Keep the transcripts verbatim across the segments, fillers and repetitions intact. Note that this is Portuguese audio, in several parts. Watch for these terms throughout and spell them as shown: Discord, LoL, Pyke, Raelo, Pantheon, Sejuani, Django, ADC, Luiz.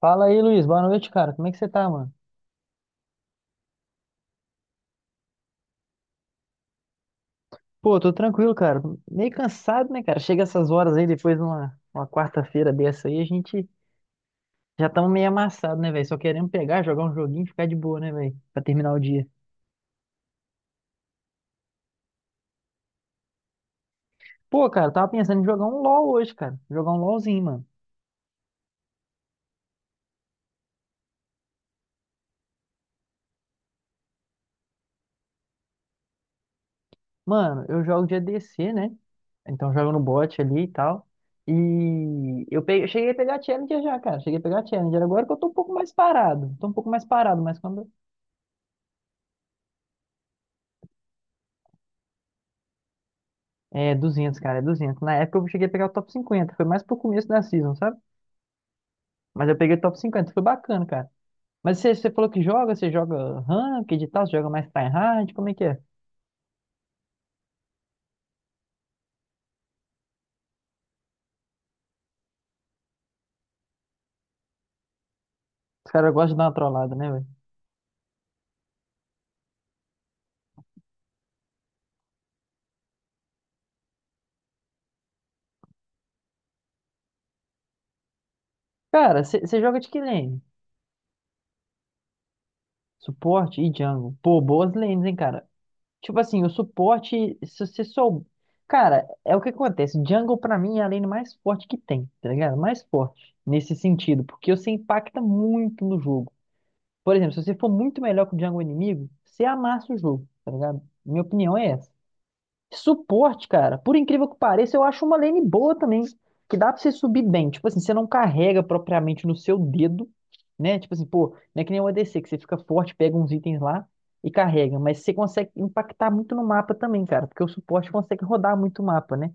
Fala aí, Luiz. Boa noite, cara. Como é que você tá, mano? Pô, tô tranquilo, cara. Meio cansado, né, cara? Chega essas horas aí, depois numa uma uma quarta-feira dessa aí, a gente já tamo meio amassado, né, velho? Só querendo pegar, jogar um joguinho e ficar de boa, né, velho? Pra terminar o dia. Pô, cara, tava pensando em jogar um LoL hoje, cara. Jogar um LoLzinho, mano. Mano, eu jogo de A D C, né? Então jogo no bot ali e tal. E eu, peguei, eu cheguei a pegar Challenger já, cara. Cheguei a pegar Challenger. Agora que eu tô um pouco mais parado. Tô um pouco mais parado, mas quando é duzentos, cara, é duzentos. Na época eu cheguei a pegar o top cinquenta, foi mais pro começo da season, sabe? Mas eu peguei o top cinquenta, foi bacana, cara. Mas você, você falou que joga, você joga ranked e tal, você joga mais tryhard, como é que é? Os caras gostam de dar uma trollada, né, velho? Cara, você você joga de que lane? Suporte e jungle. Pô, boas lanes, hein, cara. Tipo assim, o suporte, se você sou... Cara, é o que acontece. Jungle, pra mim, é a lane mais forte que tem, tá ligado? Mais forte, nesse sentido, porque você impacta muito no jogo. Por exemplo, se você for muito melhor que o Django inimigo, você amassa o jogo, tá ligado? Minha opinião é essa. Suporte, cara, por incrível que pareça, eu acho uma lane boa também, que dá pra você subir bem. Tipo assim, você não carrega propriamente no seu dedo, né? Tipo assim, pô, não é que nem o A D C, que você fica forte, pega uns itens lá e carrega. Mas você consegue impactar muito no mapa também, cara, porque o suporte consegue rodar muito o mapa, né?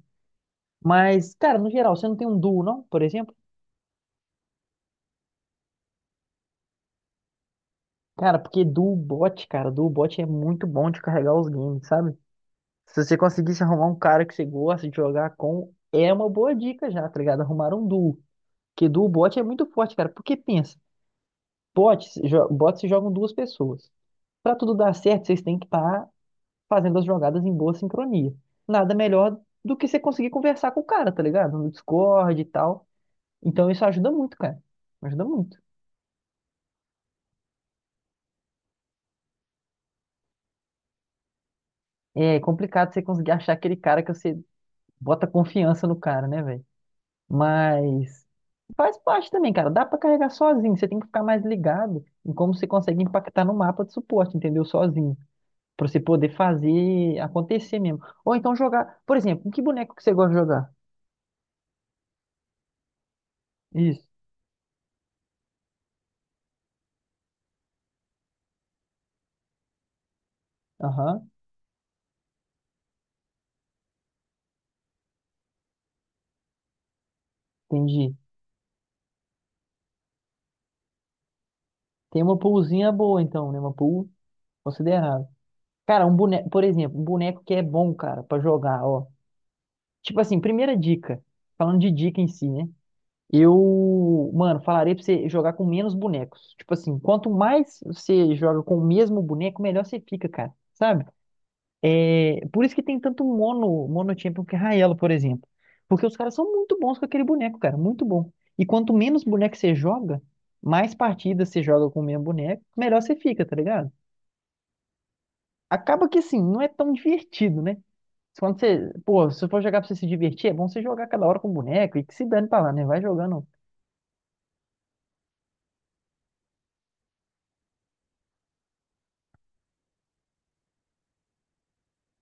Mas, cara, no geral, você não tem um duo, não, por exemplo? Cara, porque duo bot, cara, duo bot é muito bom de carregar os games, sabe? Se você conseguisse arrumar um cara que você gosta de jogar com, é uma boa dica já, tá ligado? Arrumar um duo. Porque duo bot é muito forte, cara. Porque pensa, bot, se jo- bot se jogam duas pessoas. Pra tudo dar certo, vocês têm que estar fazendo as jogadas em boa sincronia. Nada melhor do que você conseguir conversar com o cara, tá ligado? No Discord e tal. Então isso ajuda muito, cara. Ajuda muito. É complicado você conseguir achar aquele cara que você bota confiança no cara, né, velho? Mas faz parte também, cara. Dá pra carregar sozinho. Você tem que ficar mais ligado em como você consegue impactar no mapa de suporte, entendeu? Sozinho. Pra você poder fazer acontecer mesmo. Ou então jogar. Por exemplo, com que boneco que você gosta de jogar? Isso. Aham, entendi. Tem uma poolzinha boa, então, né? Uma pool considerável. Cara, um boneco, por exemplo, um boneco que é bom, cara, pra jogar, ó. Tipo assim, primeira dica. Falando de dica em si, né? Eu, mano, falarei pra você jogar com menos bonecos. Tipo assim, quanto mais você joga com o mesmo boneco, melhor você fica, cara. Sabe? É, por isso que tem tanto mono, mono champion que é Raelo, por exemplo. Porque os caras são muito bons com aquele boneco, cara. Muito bom. E quanto menos boneco você joga, mais partidas você joga com o mesmo boneco, melhor você fica, tá ligado? Acaba que assim, não é tão divertido, né? Quando você, pô, se for jogar pra você se divertir, é bom você jogar cada hora com o boneco e que se dane pra lá, né? Vai jogando.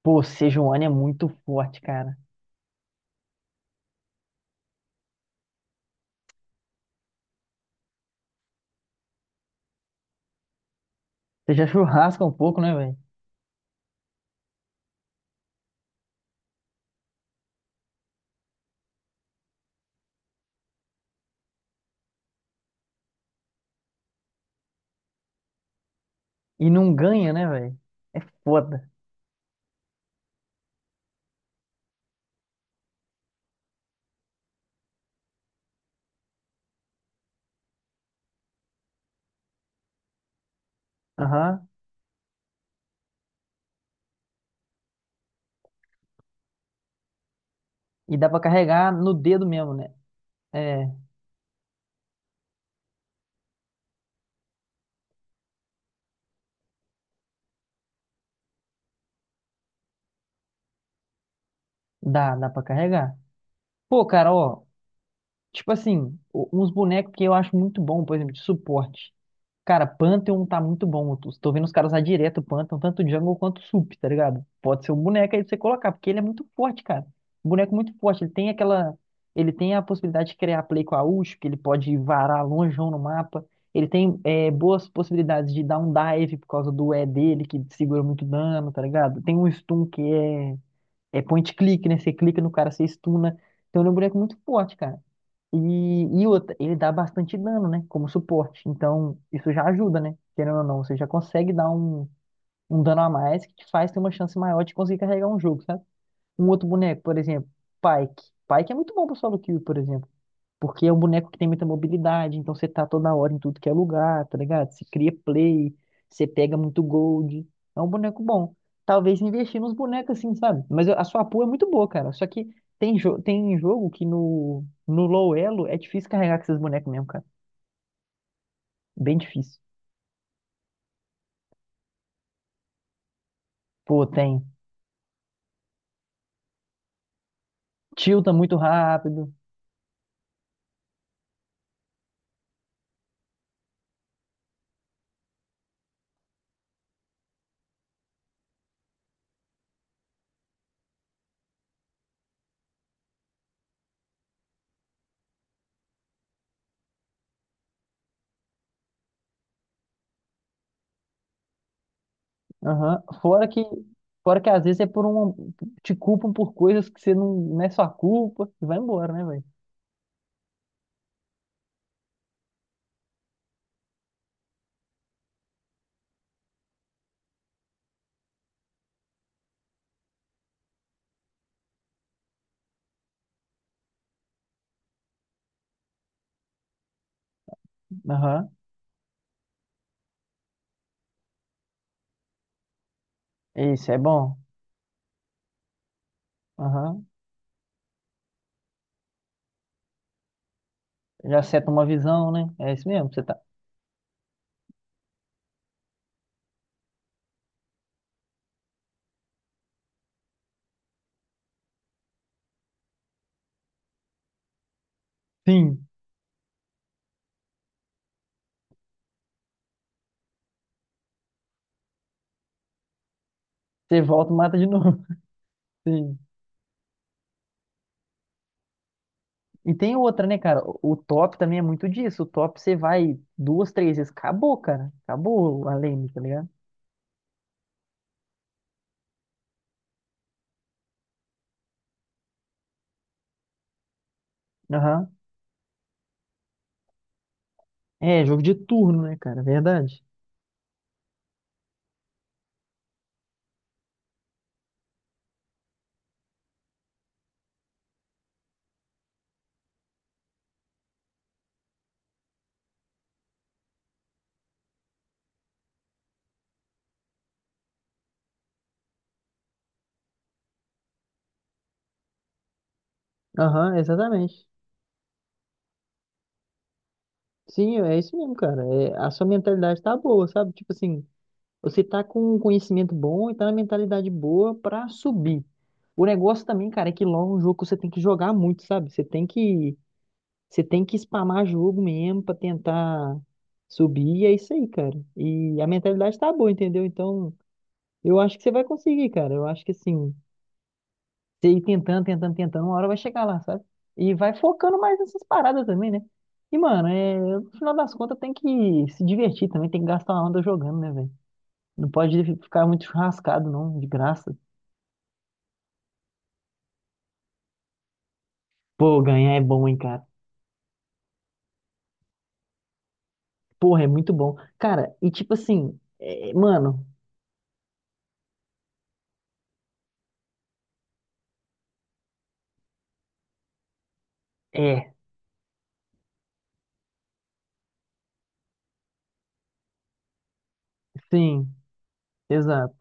Pô, Sejuani é muito forte, cara. Você já churrasca um pouco, né, velho? E não ganha, né, velho? É foda. Aham. E dá pra carregar no dedo mesmo, né? É, dá, dá pra carregar. Pô, cara, ó, tipo assim, o- uns bonecos que eu acho muito bom, por exemplo, de suporte. Cara, Pantheon tá muito bom. Eu tô vendo os caras usar direto o Pantheon, tanto o jungle quanto o sup, tá ligado? Pode ser um boneco aí pra você colocar, porque ele é muito forte, cara. Um boneco muito forte. Ele tem aquela. Ele tem a possibilidade de criar play com a ult, que ele pode varar longeão no mapa. Ele tem é, boas possibilidades de dar um dive por causa do E dele, que segura muito dano, tá ligado? Tem um stun que é é point click, né? Você clica no cara, você stuna. Então ele é um boneco muito forte, cara. E, e outra, ele dá bastante dano, né? Como suporte. Então, isso já ajuda, né? Querendo ou não, você já consegue dar um, um dano a mais que te faz ter uma chance maior de conseguir carregar um jogo, sabe? Um outro boneco, por exemplo, Pyke. Pyke é muito bom pro solo kill, por exemplo. Porque é um boneco que tem muita mobilidade, então você tá toda hora em tudo que é lugar, tá ligado? Você cria play, você pega muito gold. É um boneco bom. Talvez investir nos bonecos assim, sabe? Mas a sua pool é muito boa, cara. Só que tem, jo tem jogo que no, no low elo é difícil carregar com esses bonecos mesmo, cara. Bem difícil. Pô, tem. Tilta muito rápido. Aham. Fora que, fora que às vezes é por um. Te culpam por coisas que você não, não é sua culpa. E vai embora, né, velho? Aham. Isso, é bom. Aham. Já seta uma visão, né? É isso mesmo, você tá. Sim. Você volta e mata de novo. Sim. E tem outra, né, cara? O o top também é muito disso. O top você vai duas, três vezes. Acabou, cara. Acabou a lane, tá ligado? Aham. É, jogo de turno, né, cara? Verdade. Aham, exatamente. Sim, é isso mesmo, cara. É, a sua mentalidade tá boa, sabe? Tipo assim, você tá com um conhecimento bom e tá na mentalidade boa pra subir. O negócio também, cara, é que LoL é um jogo que você tem que jogar muito, sabe? Você tem que você tem que spamar jogo mesmo pra tentar subir, e é isso aí, cara. E a mentalidade tá boa, entendeu? Então, eu acho que você vai conseguir, cara. Eu acho que assim, você ir tentando, tentando, tentando, uma hora vai chegar lá, sabe? E vai focando mais nessas paradas também, né? E, mano, é... No final das contas tem que se divertir também, tem que gastar uma onda jogando, né, velho? Não pode ficar muito churrascado, não, de graça. Pô, ganhar é bom, hein, cara. Porra, é muito bom. Cara, e tipo assim, é, mano, é, sim. Exato.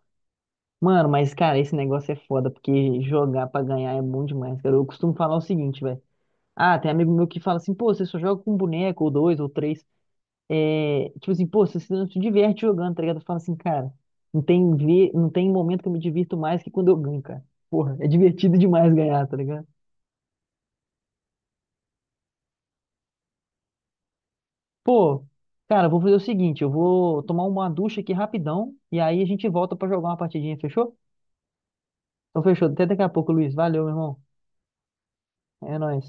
Mano, mas, cara, esse negócio é foda, porque jogar pra ganhar é bom demais, cara. Eu costumo falar o seguinte, velho. Ah, tem amigo meu que fala assim, pô, você só joga com um boneco, ou dois, ou três. É, tipo assim, pô, você se- não se diverte jogando, tá ligado? Eu falo assim, cara, não tem, ver, não tem momento que eu me divirto mais que quando eu ganho, cara. Porra, é divertido demais ganhar, tá ligado? Pô, cara, eu vou fazer o seguinte, eu vou tomar uma ducha aqui rapidão, e aí a gente volta pra jogar uma partidinha, fechou? Então fechou, até daqui a pouco, Luiz. Valeu, meu irmão. É nóis.